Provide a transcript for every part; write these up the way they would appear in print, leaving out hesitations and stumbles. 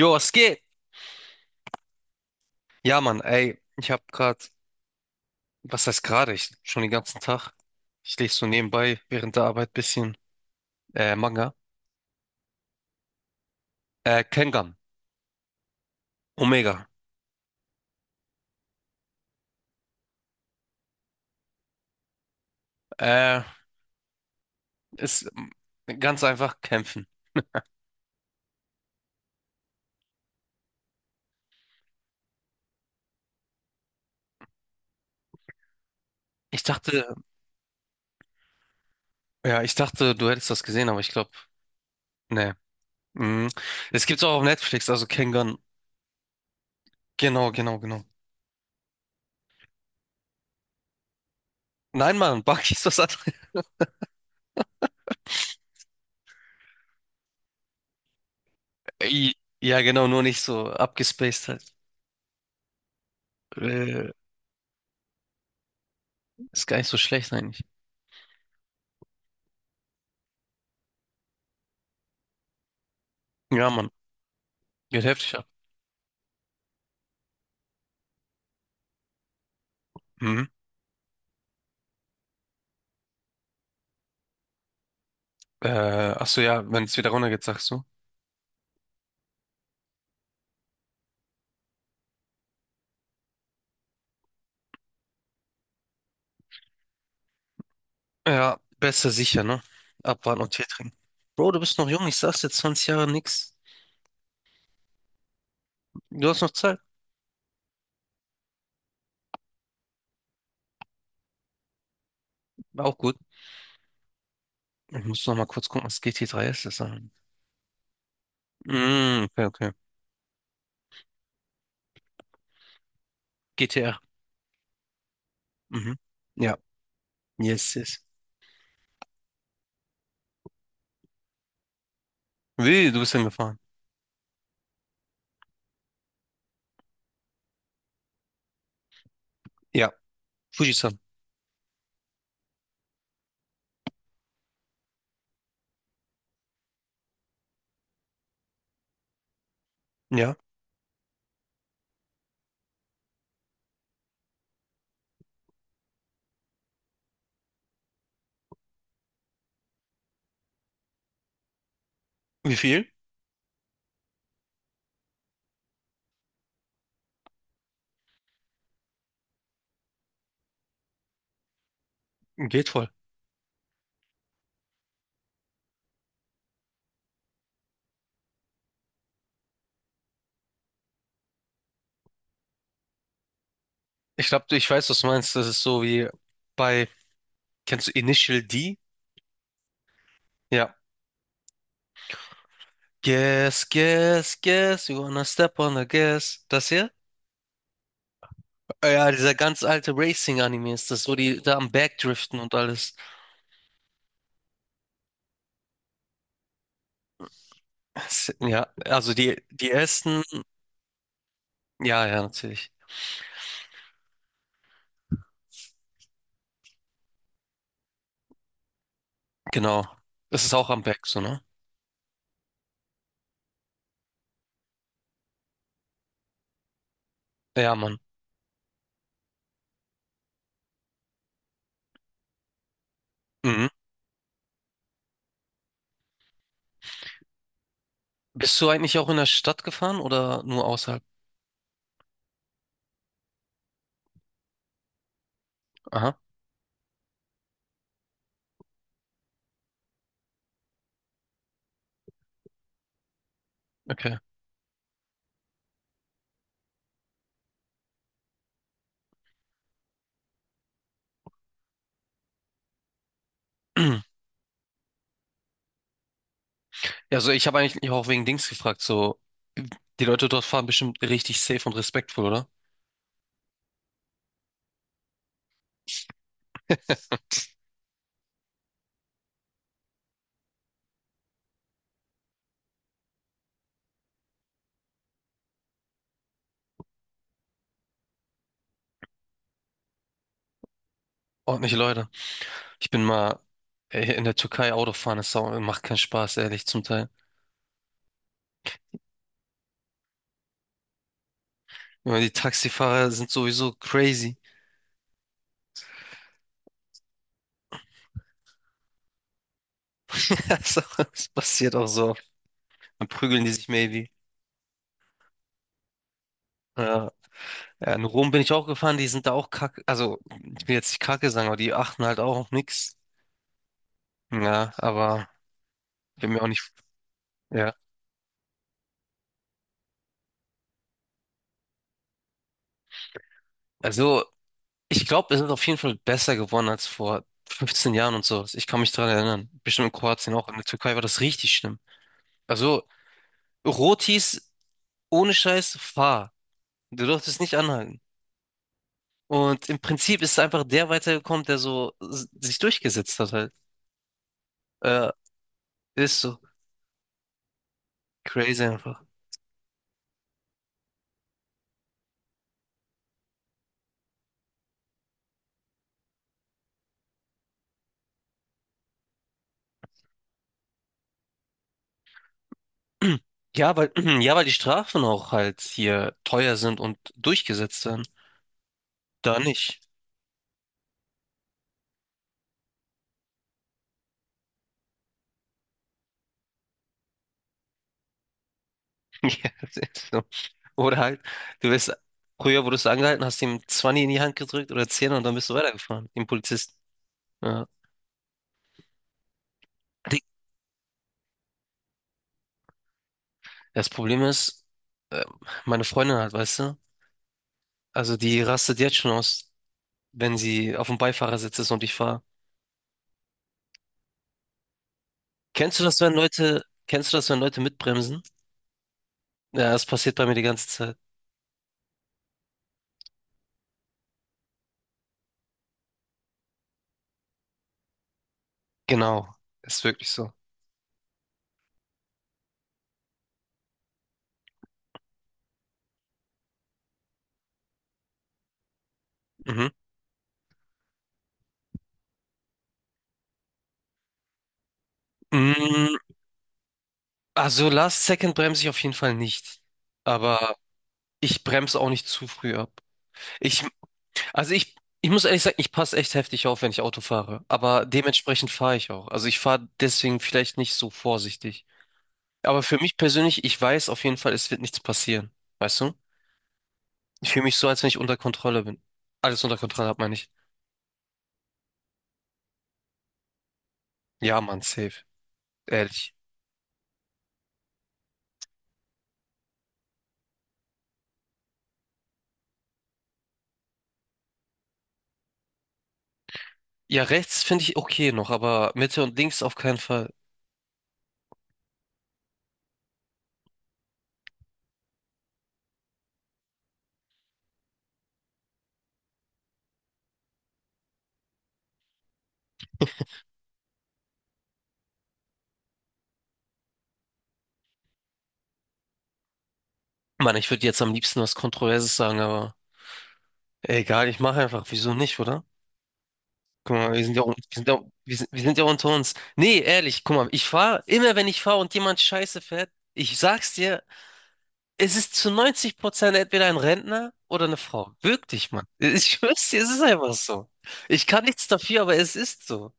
Jo, es geht. Ja, Mann, ey, ich hab grad, was heißt gerade? Ich schon den ganzen Tag. Ich lese so nebenbei während der Arbeit bisschen Manga. Kengan, Omega. Äh, ist ganz einfach kämpfen. Ich dachte, ja, ich dachte, du hättest das gesehen, aber ich glaube, nee. Mhm. Es gibt's auch auf Netflix, also Kengan. Genau, genau, genau. Nein, Mann, Baki ist was anderes. Ey, ja, genau, nur nicht so abgespaced halt. Äh, Ist gar nicht so schlecht eigentlich. Ja, Mann, geht heftig ab. Mhm. Äh, Ach so, ja, wenn es wieder runtergeht, sagst du. Ja, besser sicher, ne? Abwarten und Tee trinken. Bro, du bist noch jung, ich sag's dir, 20 Jahre nix. Du hast noch Zeit. Auch gut. Ich muss noch mal kurz gucken, was GT3 ist. Das ist okay, okay. GTR. Mhm. Ja. Yes, yes. Wie, du bist hingefahren? Ja. Fujisan. Ja. Wie viel? Geht voll. Ich glaube, ich weiß, was du meinst. Das ist so wie bei, kennst du Initial D? Ja. Guess, guess, guess, you wanna step on the gas. Das hier? Ja, dieser ganz alte Racing-Anime ist das, wo die da am Backdriften und alles. Ja, also die ersten, ja, ja, natürlich. Genau. Das ist auch am Back, so, ne? Ja, Mann. Mhm. Bist du eigentlich auch in der Stadt gefahren oder nur außerhalb? Aha, okay. Also ich habe eigentlich auch wegen Dings gefragt, so, die Leute dort fahren bestimmt richtig safe und respektvoll, oder? Ordentliche Leute. Ich bin mal in der Türkei Autofahren, das macht keinen Spaß, ehrlich, zum Teil. Immer die Taxifahrer sind sowieso crazy. Also, das passiert auch so oft. Dann prügeln die sich maybe. Ja. Ja, in Rom bin ich auch gefahren, die sind da auch kacke. Also, ich will jetzt nicht kacke sagen, aber die achten halt auch auf nichts. Ja, aber bin mir auch nicht. Ja. Also, ich glaube, es ist auf jeden Fall besser geworden als vor 15 Jahren und sowas. Ich kann mich daran erinnern. Bestimmt in Kroatien auch. In der Türkei war das richtig schlimm. Also, Rotis ohne Scheiß, fahr. Du durftest nicht anhalten. Und im Prinzip ist einfach der weitergekommen, der so sich durchgesetzt hat halt. Äh, Ist so. Crazy einfach. Ja, weil, ja, weil die Strafen auch halt hier teuer sind und durchgesetzt werden. Da nicht. Ja, das ist so. Oder halt, du wirst, früher wurdest du angehalten, hast ihm 20 in die Hand gedrückt oder 10 und dann bist du weitergefahren, dem Polizisten. Ja. Die- Das Problem ist, äh, meine Freundin halt, weißt du, also die rastet jetzt schon aus, wenn sie auf dem Beifahrersitz ist und ich fahre. Kennst du das, wenn Leute mitbremsen? Ja, das passiert bei mir die ganze Zeit. Genau, ist wirklich so. Mhm. Mm, Also Last Second bremse ich auf jeden Fall nicht. Aber ich bremse auch nicht zu früh ab. Ich, also ich, Ich muss ehrlich sagen, ich passe echt heftig auf, wenn ich Auto fahre. Aber dementsprechend fahre ich auch. Also ich fahre deswegen vielleicht nicht so vorsichtig. Aber für mich persönlich, ich weiß auf jeden Fall, es wird nichts passieren. Weißt du? Ich fühle mich so, als wenn ich unter Kontrolle bin. Alles unter Kontrolle hat, meine ich. Ja, Mann, safe. Ehrlich. Ja, rechts finde ich okay noch, aber Mitte und links auf keinen Fall. Mann, ich würde jetzt am liebsten was Kontroverses sagen, aber. Egal, ich mache einfach. Wieso nicht, oder? Guck mal, wir sind ja, un- wir sind ja unter uns. Nee, ehrlich, guck mal, ich fahre, immer wenn ich fahre und jemand Scheiße fährt, ich sag's dir, es ist zu 90% entweder ein Rentner oder eine Frau. Wirklich, Mann. Ich schwör's dir, es ist einfach so. Ich kann nichts dafür, aber es ist so.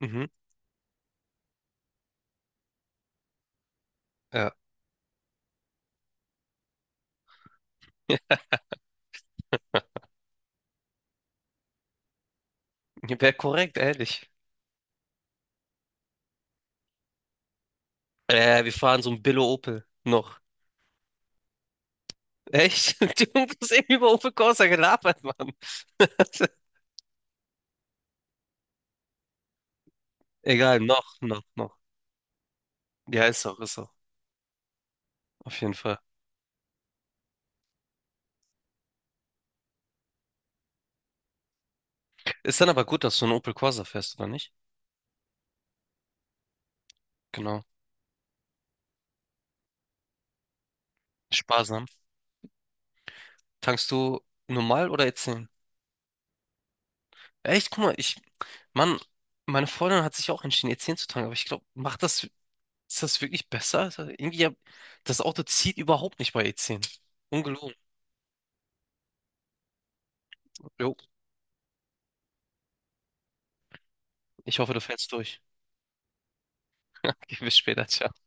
Mhm, ja. Wäre korrekt, ehrlich. Wir fahren so ein Billo Opel. Noch. Echt? Du hast eben über Opel Corsa gelabert, Mann. Egal, noch, noch, noch. Ja, ist auch, ist auch. Auf jeden Fall. Ist dann aber gut, dass du einen Opel Corsa fährst, oder nicht? Genau. Sparsam. Tankst du normal oder E10? Echt, guck mal, ich, Mann, meine Freundin hat sich auch entschieden, E10 zu tanken, aber ich glaube, macht das, ist das wirklich besser? Das Auto zieht überhaupt nicht bei E10. Ungelogen. Jo, ich hoffe, du fährst durch. Okay, bis später, ciao.